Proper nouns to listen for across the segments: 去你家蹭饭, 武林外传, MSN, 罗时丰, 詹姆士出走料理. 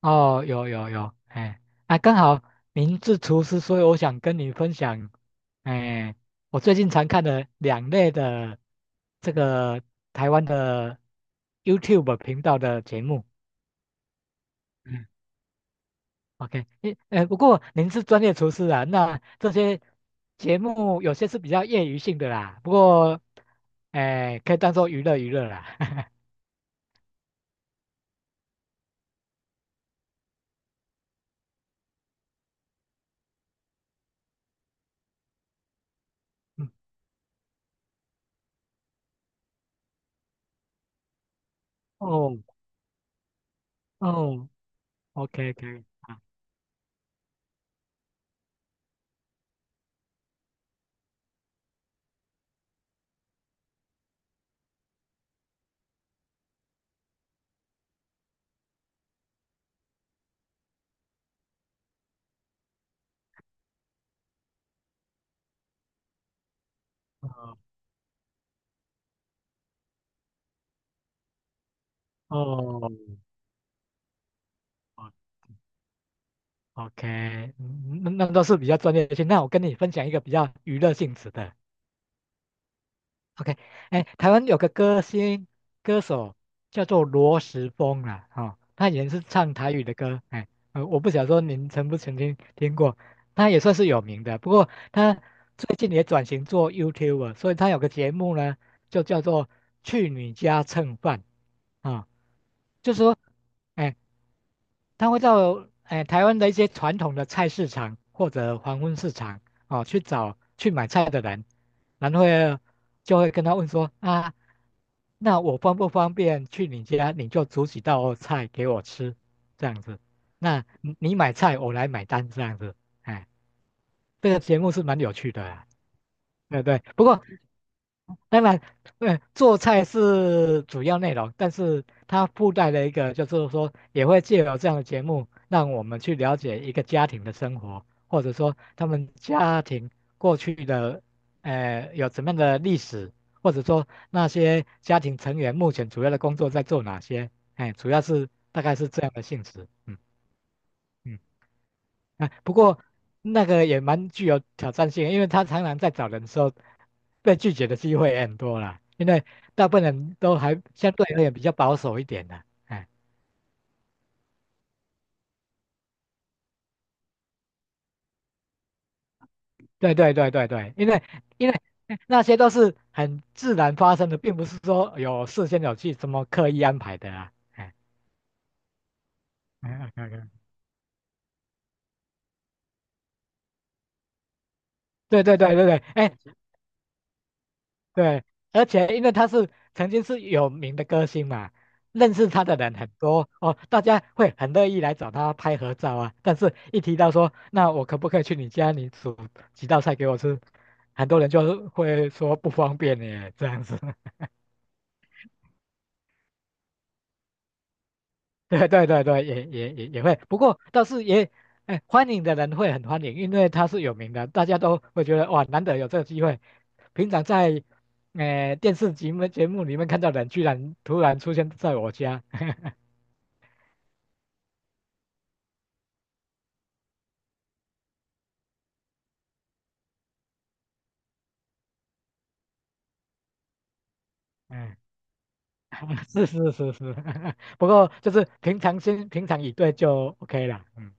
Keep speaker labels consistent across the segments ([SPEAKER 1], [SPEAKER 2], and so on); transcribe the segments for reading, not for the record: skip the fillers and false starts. [SPEAKER 1] 哦，有有有，哎，啊，刚好您是厨师，所以我想跟你分享，哎，我最近常看的两类的这个台湾的 YouTube 频道的节目。嗯，OK，诶，不过您是专业厨师啊，那这些节目有些是比较业余性的啦，不过，哎、可以当做娱乐娱乐啦。嗯哦哦，OK OK，啊，哦哦，OK，嗯那都是比较专业性。那我跟你分享一个比较娱乐性质的。OK，哎，台湾有个歌手叫做罗时丰啦，哦，他以前是唱台语的歌，哎，我不想说您曾不曾经听过，他也算是有名的。不过他最近也转型做 YouTuber，所以他有个节目呢，就叫做《去你家蹭饭》啊、就是说。哎，他会到哎台湾的一些传统的菜市场或者黄昏市场哦去找去买菜的人，然后就会跟他问说啊，那我方不方便去你家，你就煮几道菜给我吃，这样子。那你买菜，我来买单，这样子。哎，这个节目是蛮有趣的啊，对对。不过当然，做菜是主要内容，但是它附带了一个，就是说也会借由这样的节目，让我们去了解一个家庭的生活，或者说他们家庭过去的，有怎么样的历史，或者说那些家庭成员目前主要的工作在做哪些，哎，主要是大概是这样的性质，嗯嗯。啊，不过那个也蛮具有挑战性的因为他常常在找人的时候，被拒绝的机会也很多啦。因为大部分人都还相对而言比较保守一点的，哎，对对对对对，因为那些都是很自然发生的，并不是说有事先有去什么刻意安排的啊。哎，嗯，OK，OK 对对对对对，哎、对，而且因为他是曾经是有名的歌星嘛，认识他的人很多哦，大家会很乐意来找他拍合照啊。但是，一提到说，那我可不可以去你家，你煮几道菜给我吃，很多人就会说不方便耶，这样子。对对对对，也会，不过倒是也，哎，欢迎的人会很欢迎，因为他是有名的，大家都会觉得哇，难得有这个机会。平常在，电视节目里面看到的人，居然突然出现在我家。嗯，是是是是，不过就是平常心、平常以对就 OK 了。嗯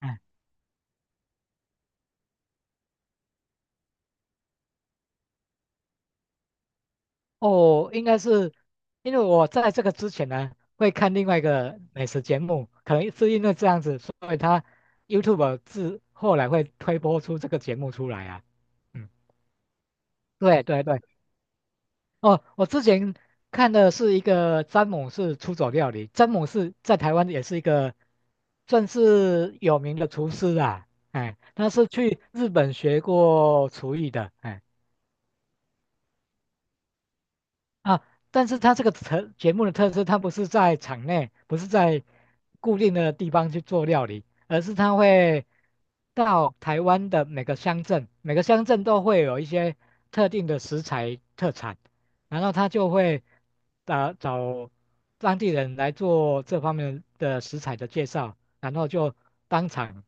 [SPEAKER 1] 嗯，哦，应该是因为我在这个之前呢，会看另外一个美食节目，可能是因为这样子，所以他 YouTube 自后来会推播出这个节目出来啊。嗯，对对对，哦，我之前看的是一个詹姆士出走料理，詹姆士在台湾也是一个算是有名的厨师啊，哎，他是去日本学过厨艺的，哎。啊，但是它这个节目的特色，它不是在场内，不是在固定的地方去做料理，而是它会到台湾的每个乡镇，每个乡镇都会有一些特定的食材特产，然后他就会啊找当地人来做这方面的食材的介绍，然后就当场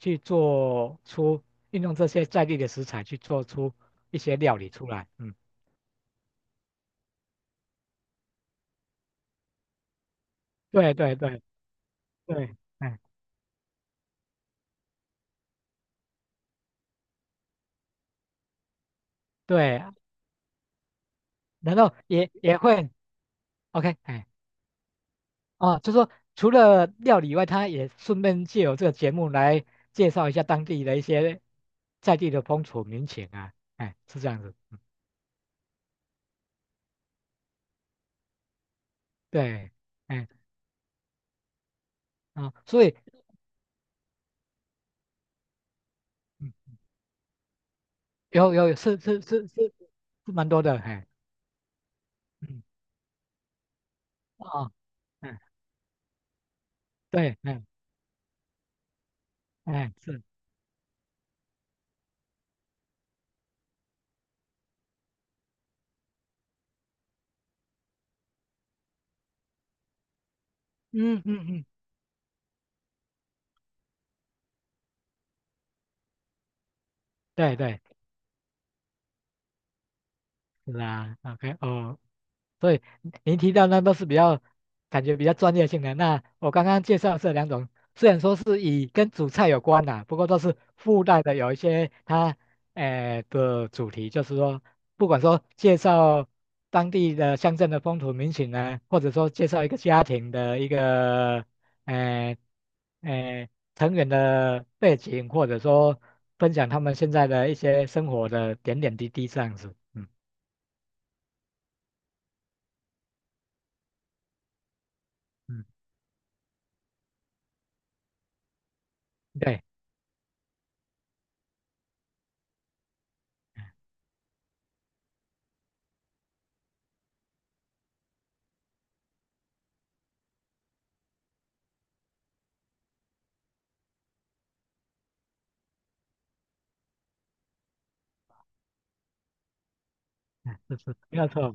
[SPEAKER 1] 去做出运用这些在地的食材去做出一些料理出来，嗯。对对对，对，哎，对，然后也会，OK，哎，哦，就说除了料理以外，他也顺便借由这个节目来介绍一下当地的一些在地的风土民情啊，哎，是这样子，嗯对，哎，啊、所以嗯有有是是是是是蛮多的，哎，嗯，哦，嗯，对，嗯，哎，是，嗯嗯嗯，对对，是啊，OK，哦。所以您提到那都是感觉比较专业性的。那我刚刚介绍的这两种，虽然说是以跟主菜有关啦、不过都是附带的有一些它诶、的主题，就是说不管说介绍当地的乡镇的风土民情呢，或者说介绍一个家庭的一个诶诶、呃成员的背景，或者说分享他们现在的一些生活的点点滴滴这样子。嗯，嗯，对，没有错。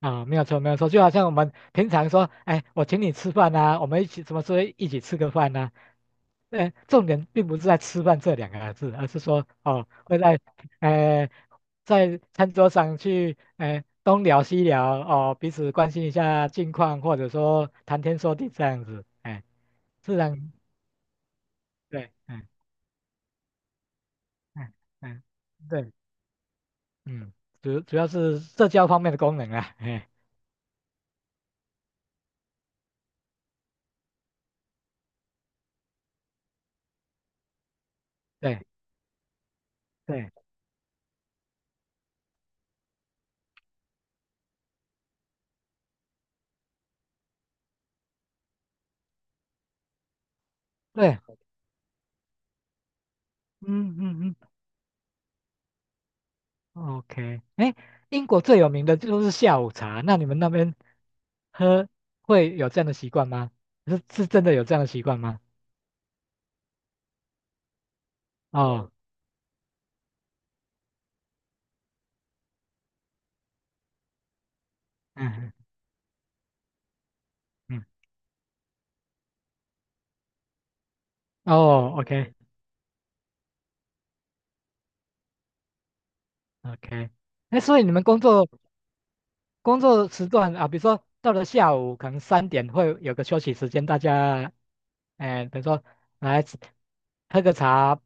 [SPEAKER 1] 啊，没有错，没有错，就好像我们平常说，哎，我请你吃饭呐、我们一起什么时候一起吃个饭呐、重点并不是在吃饭这两个字，而是说哦，会在呃在餐桌上去东聊西聊哦，彼此关心一下近况，或者说谈天说地这样子，哎，自然对，嗯嗯嗯，对，嗯，主要是社交方面的功能啊，哎，对对对，嗯嗯嗯。OK，哎，英国最有名的就是下午茶，那你们那边喝会有这样的习惯吗？是真的有这样的习惯吗？哦，嗯嗯，嗯哦，OK OK，哎，所以你们工作时段啊，比如说到了下午可能三点会有个休息时间，大家，哎，比如说来喝个茶，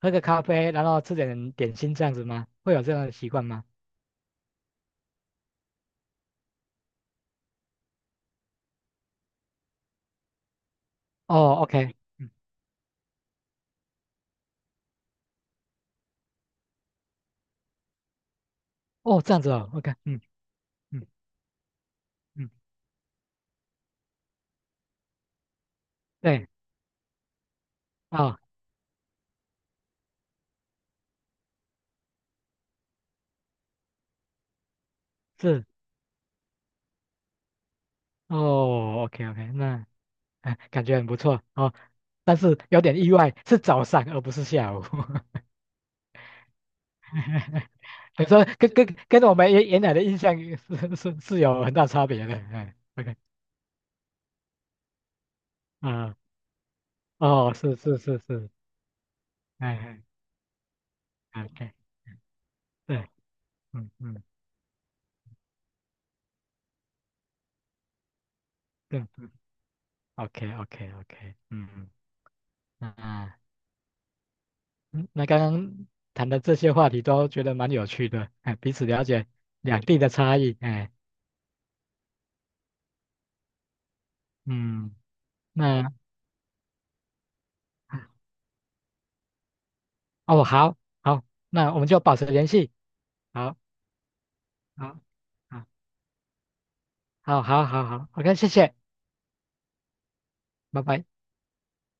[SPEAKER 1] 喝个咖啡，然后吃点点心这样子吗？会有这样的习惯吗？哦，OK，嗯，哦，这样子哦，OK，嗯。嗯嗯，对，哦，是，哦，OK OK，那、哎感觉很不错哦，但是有点意外，是早上而不是下午，所以说跟我们原来的印象是有很大差别的，哎，OK，啊、哦，是是是是，哎哎，OK，对，嗯嗯，对嗯嗯对 o k OK OK，嗯嗯，那啊嗯那刚刚谈的这些话题都觉得蛮有趣的，哎，彼此了解两地的差异，哎，嗯。那哦，好，好，那我们就保持联系。好，好，好，好，好，好，好，OK，谢谢，拜拜。